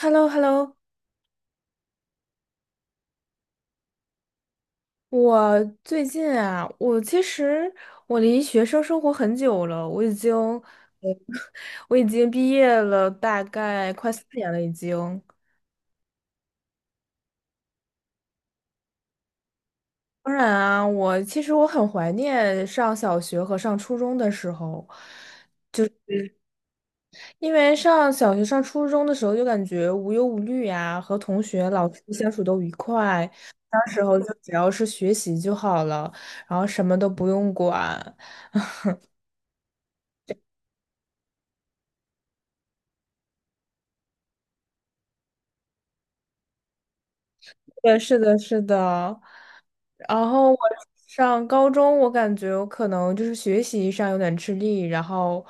h e l l o h e l l o 我最近啊，我其实离学生生活很久了，我已经，呃 我已经毕业了，大概快四年了已经。当然啊，我其实我很怀念上小学和上初中的时候，因为上小学、上初中的时候就感觉无忧无虑呀、和同学、老师相处都愉快，那时候就只要是学习就好了，然后什么都不用管。对，是的，是的。然后我上高中，我感觉我可能就是学习上有点吃力，然后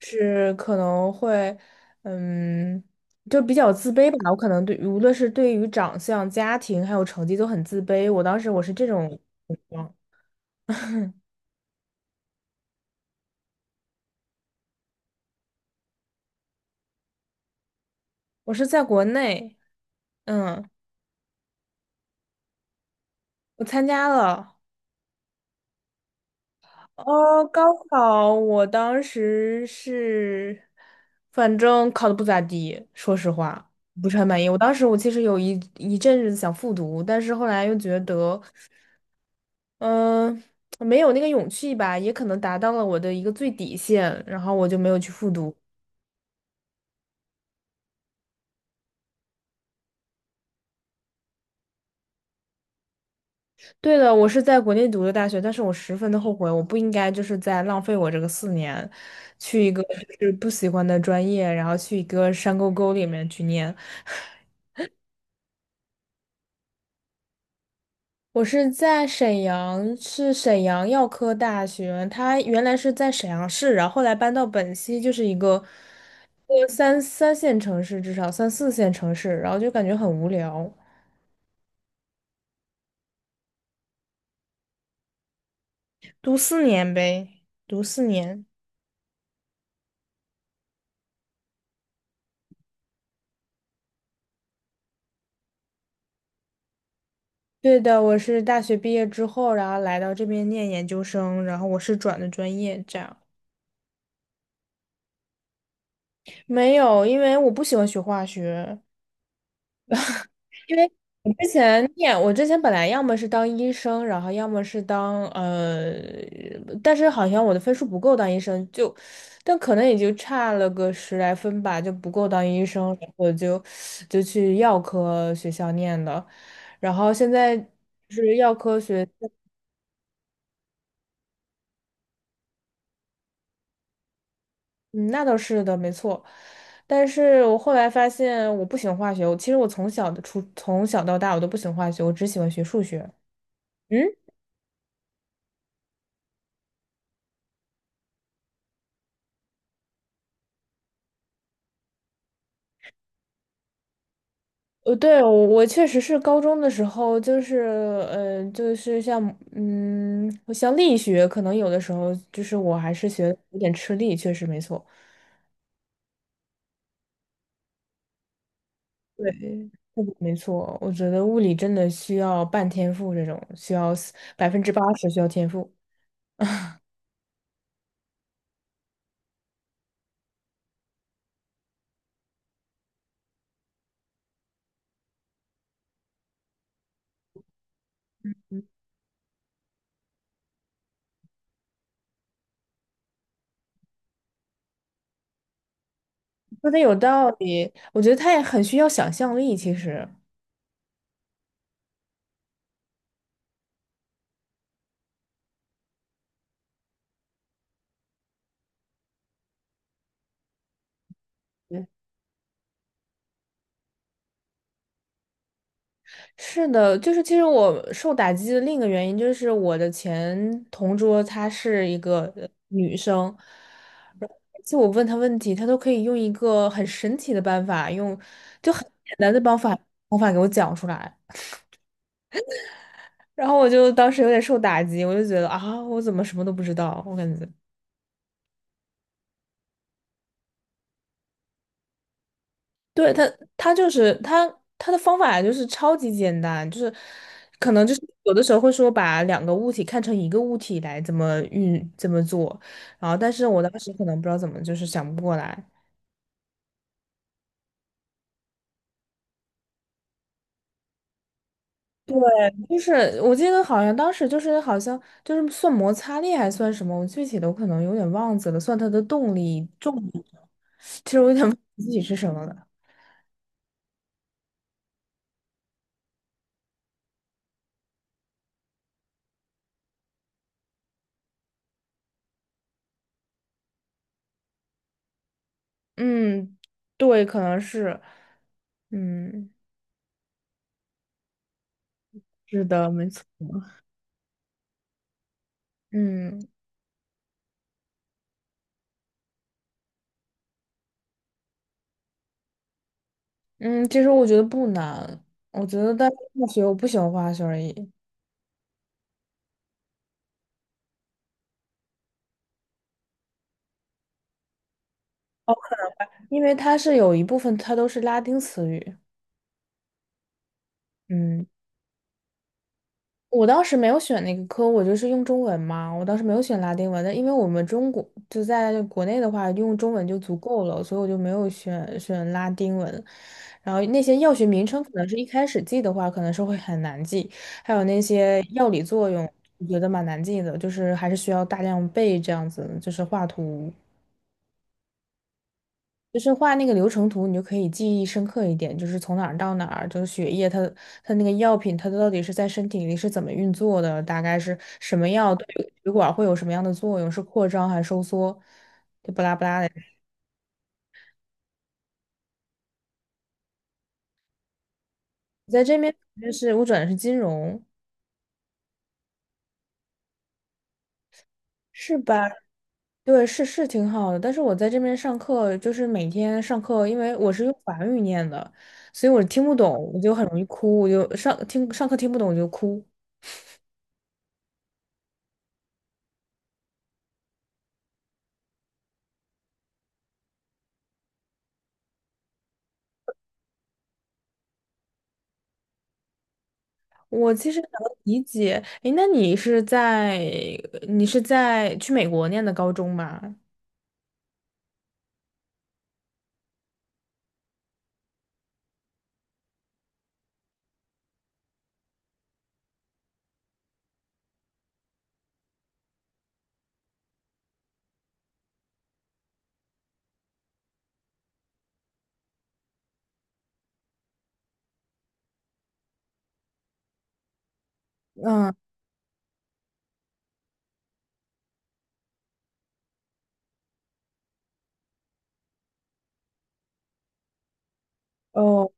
是可能会，嗯，就比较自卑吧。我可能对，无论是对于长相、家庭还有成绩都很自卑。我当时我是这种情况。我是在国内，嗯。我参加了。哦，高考我当时是，反正考的不咋地，说实话不是很满意。我当时我其实有一阵子想复读，但是后来又觉得，嗯、没有那个勇气吧，也可能达到了我的一个最底线，然后我就没有去复读。对的，我是在国内读的大学，但是我十分的后悔，我不应该就是在浪费我这个四年，去一个就是不喜欢的专业，然后去一个山沟沟里面去念。我是在沈阳，是沈阳药科大学。他原来是在沈阳市，然后后来搬到本溪，就是一个三线城市，至少3、4线城市。然后就感觉很无聊，读四年呗，读四年。对的，我是大学毕业之后，然后来到这边念研究生，然后我是转的专业，这样。没有，因为我不喜欢学化学。因为我之前本来要么是当医生，然后要么是当但是好像我的分数不够当医生，但可能也就差了个10来分吧，就不够当医生，就去药科学校念的，然后现在是药科学，嗯，那倒是的，没错。但是我后来发现我不喜欢化学，我其实我从小的初从小到大我都不喜欢化学，我只喜欢学数学。嗯。对，我确实是高中的时候，就是像像力学，可能有的时候就是我还是学得有点吃力，确实没错。对，物理没错，我觉得物理真的需要半天赋，这种需要80%需要天赋，说的有道理。我觉得他也很需要想象力，其实。对，是的，就是其实我受打击的另一个原因就是我的前同桌她是一个女生。就我问他问题，他都可以用一个很神奇的办法，就很简单的方法给我讲出来。然后我就当时有点受打击，我就觉得啊，我怎么什么都不知道？我感觉，对他，他就是他他的方法就是超级简单，就是可能就是有的时候会说把两个物体看成一个物体来怎么做，然后但是我当时可能不知道怎么就是想不过来。对，就是我记得好像当时就是好像就是算摩擦力还算什么，我具体的我可能有点忘记了，算它的动力重力，其实我有点忘记具体是什么了。嗯，对，可能是，嗯，是的，没错。嗯嗯，其实我觉得不难，我觉得但是化学不喜欢化学而已，因为它是有一部分它都是拉丁词语。嗯。我当时没有选那个科，我就是用中文嘛。我当时没有选拉丁文的，因为我们中国就在国内的话，用中文就足够了，所以我就没有选拉丁文。然后那些药学名称可能是一开始记的话，可能是会很难记，还有那些药理作用，我觉得蛮难记的，就是还是需要大量背这样子，就是画图。就是画那个流程图，你就可以记忆深刻一点，就是从哪儿到哪儿，就是血液它那个药品它到底是在身体里是怎么运作的，大概是什么药对血管会有什么样的作用，是扩张还是收缩，就不拉不拉的。在这边就是我转的是金融，是吧？对，是挺好的，但是我在这边上课，就是每天上课，因为我是用法语念的，所以我听不懂，我就很容易哭，我就上课听不懂我就哭。我其实能理解，诶，那你是在去美国念的高中吗？嗯，哦，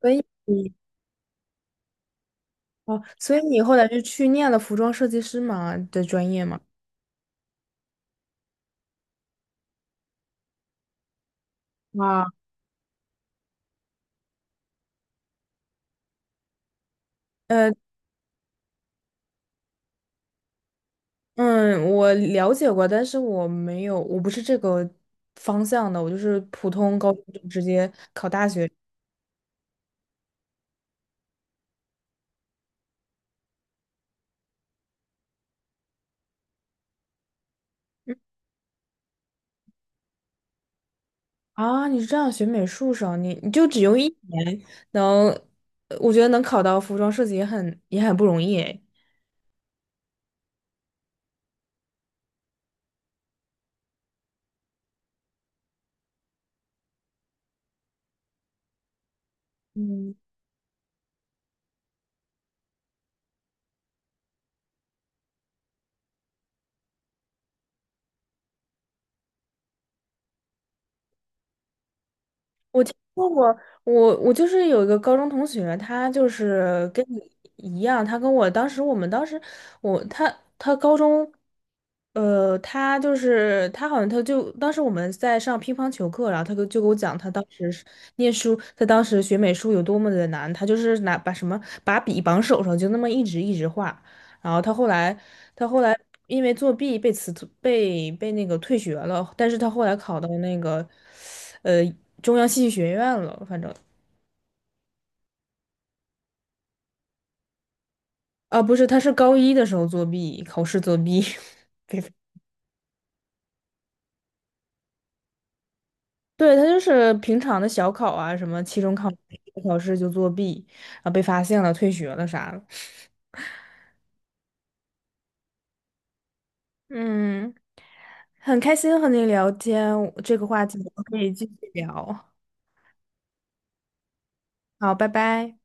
所以你哦，所以你后来是去念了服装设计师嘛的专业嘛？啊，呃，嗯，我了解过，但是我没有，我不是这个方向的，我就是普通高中就直接考大学。嗯啊，你是这样学美术生，你就只用一年能，我觉得能考到服装设计也很不容易诶。那我我就是有一个高中同学，他就是跟你一样，他跟我当时我们当时我他他高中，呃，他就是他好像他就当时我们在上乒乓球课，然后就给我讲他当时是念书，他当时学美术有多么的难，他就是拿把什么把笔绑手上就那么一直画。然后他后来，他后来因为作弊被辞被被那个退学了，但是他后来考到那个，呃，中央戏剧学院了，反正不是，他是高一的时候作弊，考试作弊，被对，他就是平常的小考啊，什么期中考期末考试就作弊，然后被发现了，退学了啥的。嗯，很开心和您聊天，这个话题我们可以继续聊。好，拜拜。